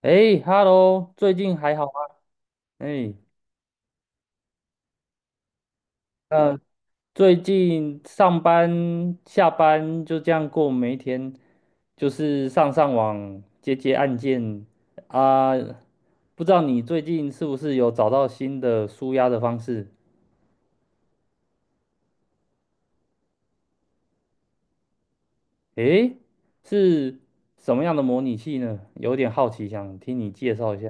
哎，Hello，最近还好吗？哎，嗯，最近上班下班就这样过每一天，就是上上网接接案件啊。不知道你最近是不是有找到新的舒压的方式？哎，是什么样的模拟器呢？有点好奇，想听你介绍一下。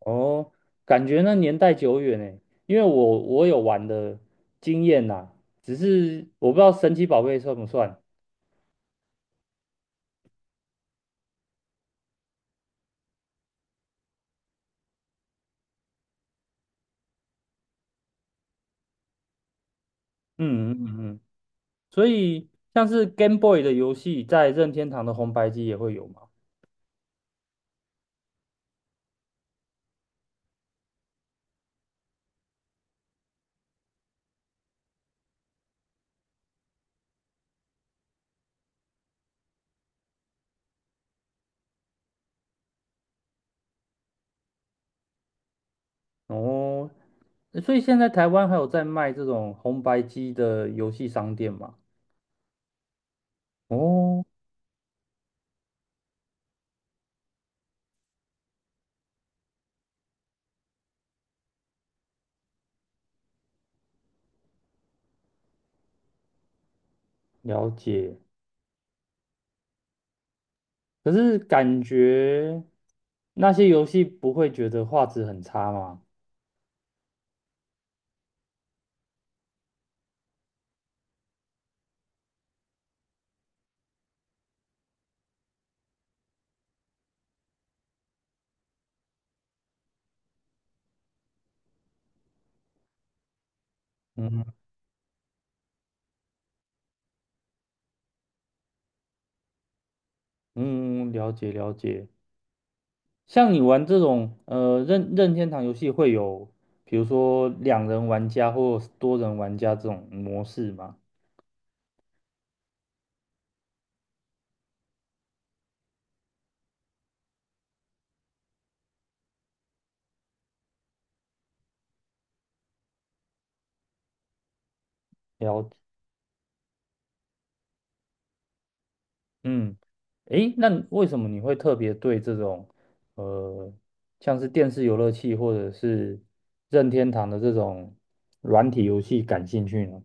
哦，感觉那年代久远哎，因为我有玩的经验呐，只是我不知道神奇宝贝算不算。嗯嗯嗯，嗯，所以像是 Game Boy 的游戏，在任天堂的红白机也会有嘛？哦，所以现在台湾还有在卖这种红白机的游戏商店嘛？哦，了解。可是感觉那些游戏不会觉得画质很差吗？嗯嗯，嗯了解了解。像你玩这种任天堂游戏，会有比如说两人玩家或多人玩家这种模式吗？了。嗯，诶，那为什么你会特别对这种呃，像是电视游乐器或者是任天堂的这种软体游戏感兴趣呢？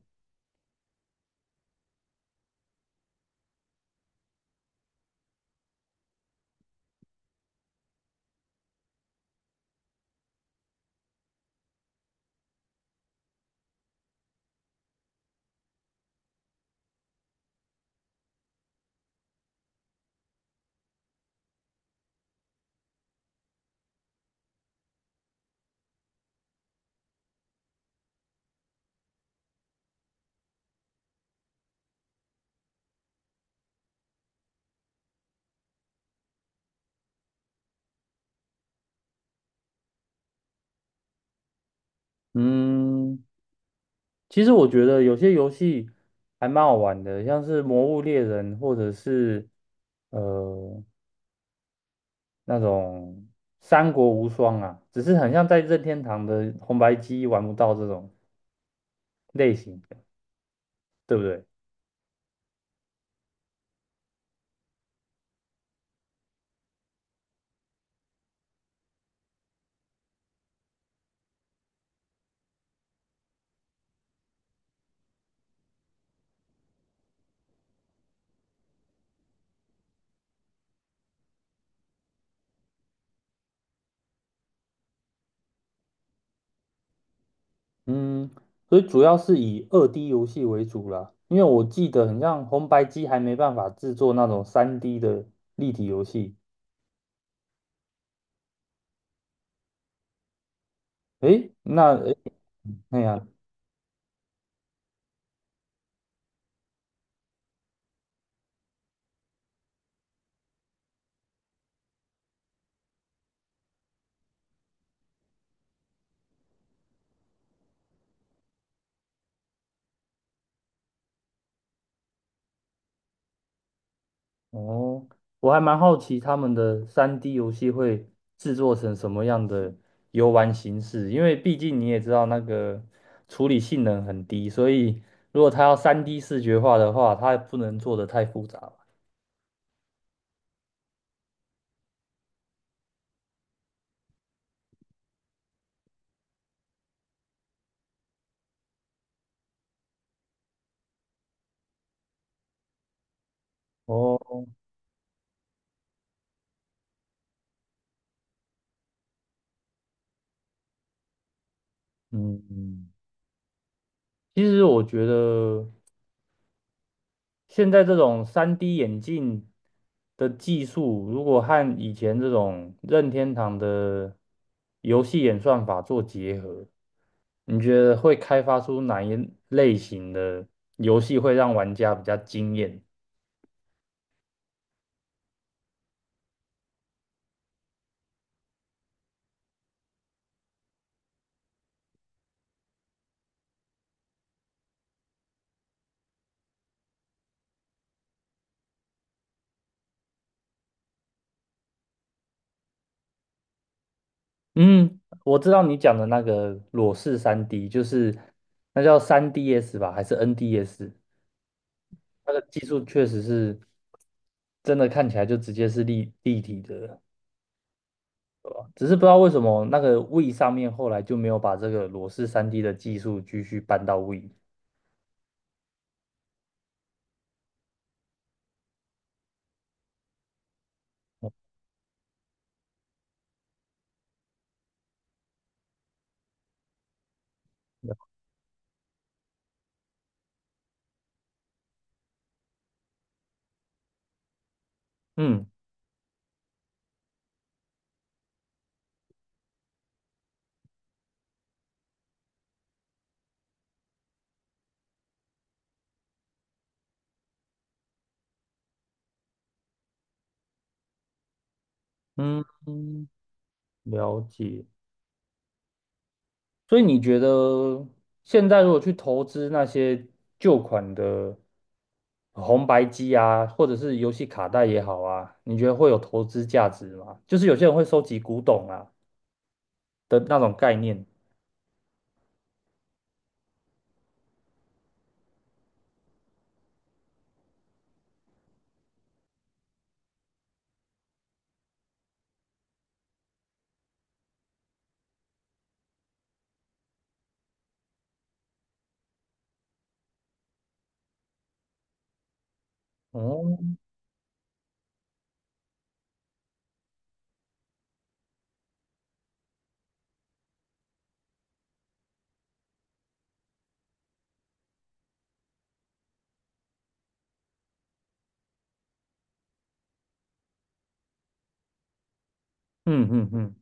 嗯，其实我觉得有些游戏还蛮好玩的，像是《魔物猎人》或者是呃那种《三国无双》啊，只是很像在任天堂的红白机玩不到这种类型的对不对？嗯，所以主要是以2D 游戏为主啦，因为我记得很像红白机还没办法制作那种三 D 的立体游戏。诶，那诶，哎呀，哦，我还蛮好奇他们的三 D 游戏会制作成什么样的游玩形式，因为毕竟你也知道那个处理性能很低，所以如果它要三 D 视觉化的话，它不能做得太复杂吧。哦，嗯，其实我觉得。现在这种三 d 眼镜的技术，如果和以前这种任天堂的游戏演算法做结合，你觉得会开发出哪一类型的游戏会让玩家比较惊艳？嗯，我知道你讲的那个裸视三 d 就是那叫3DS 吧，还是 NDS？它的技术确实是真的看起来就直接是立体的，只是不知道为什么那个 Wii 上面后来就没有把这个裸视三 d 的技术继续搬到 Wii。嗯嗯，了解。所以你觉得现在如果去投资那些旧款的红白机啊，或者是游戏卡带也好啊，你觉得会有投资价值吗？就是有些人会收集古董啊的那种概念。哦，嗯嗯嗯。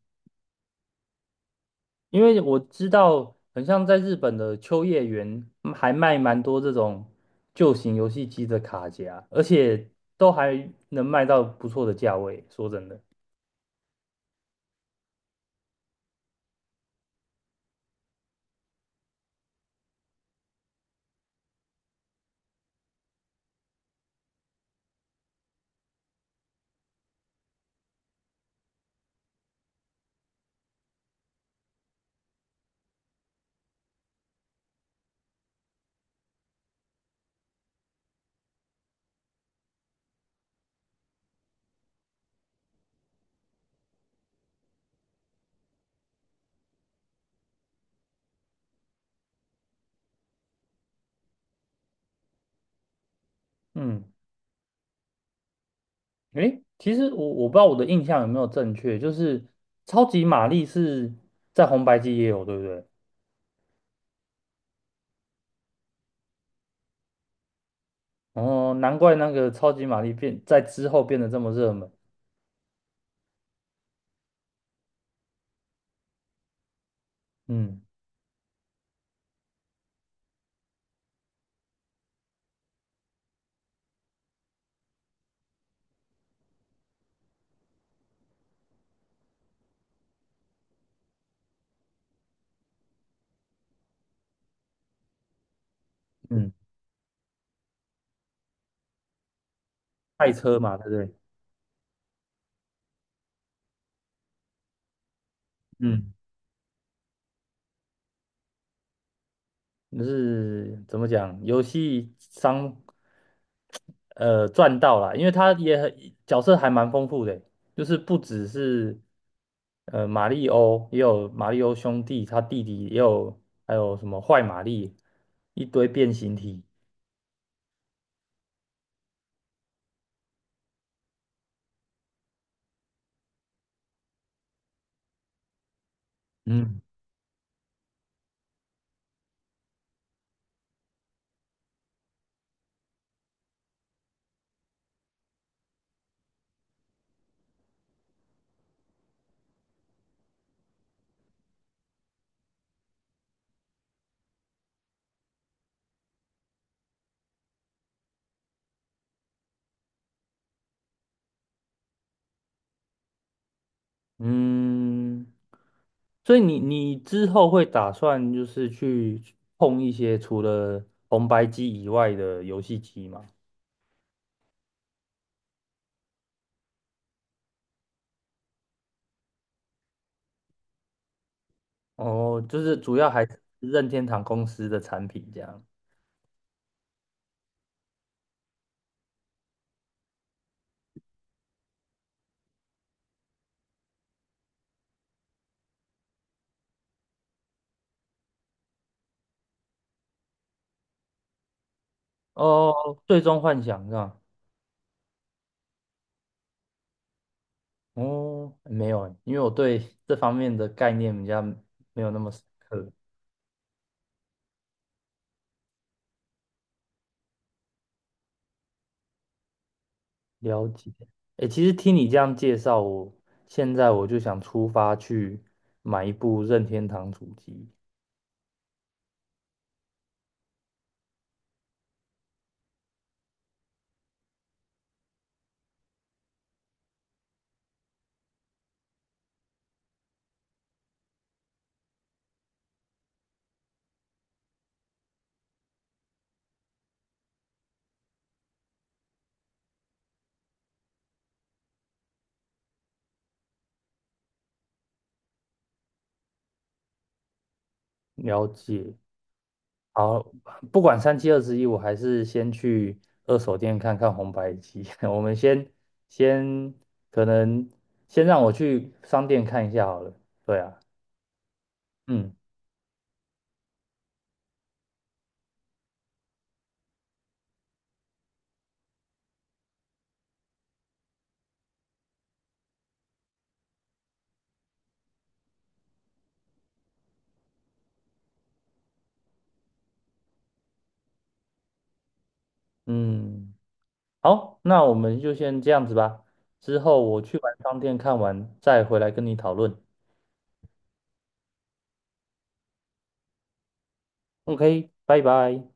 因为我知道，很像在日本的秋叶原还卖蛮多这种旧型游戏机的卡夹，而且都还能卖到不错的价位。说真的，嗯，诶，其实我不知道我的印象有没有正确，就是超级玛丽是在红白机也有，对不对？哦，难怪那个超级玛丽变在之后变得这么热门。嗯嗯，赛车嘛，对不对？嗯，就是怎么讲，游戏商赚到了，因为他也很角色还蛮丰富的，就是不只是马里欧，也有马里欧兄弟，他弟弟也有，还有什么坏玛丽，一堆变形体。嗯嗯，所以你之后会打算就是去碰一些除了红白机以外的游戏机吗？哦，就是主要还是任天堂公司的产品这样。哦，最终幻想是吧？哦，没有欸，因为我对这方面的概念比较没有那么深刻。了解。诶，其实听你这样介绍，我现在我就想出发去买一部任天堂主机，了解。好，不管三七二十一，我还是先去二手店看看红白机。我们先可能先让我去商店看一下好了。对啊，嗯嗯。好，那我们就先这样子吧。之后我去完商店看完，再回来跟你讨论。OK，拜拜。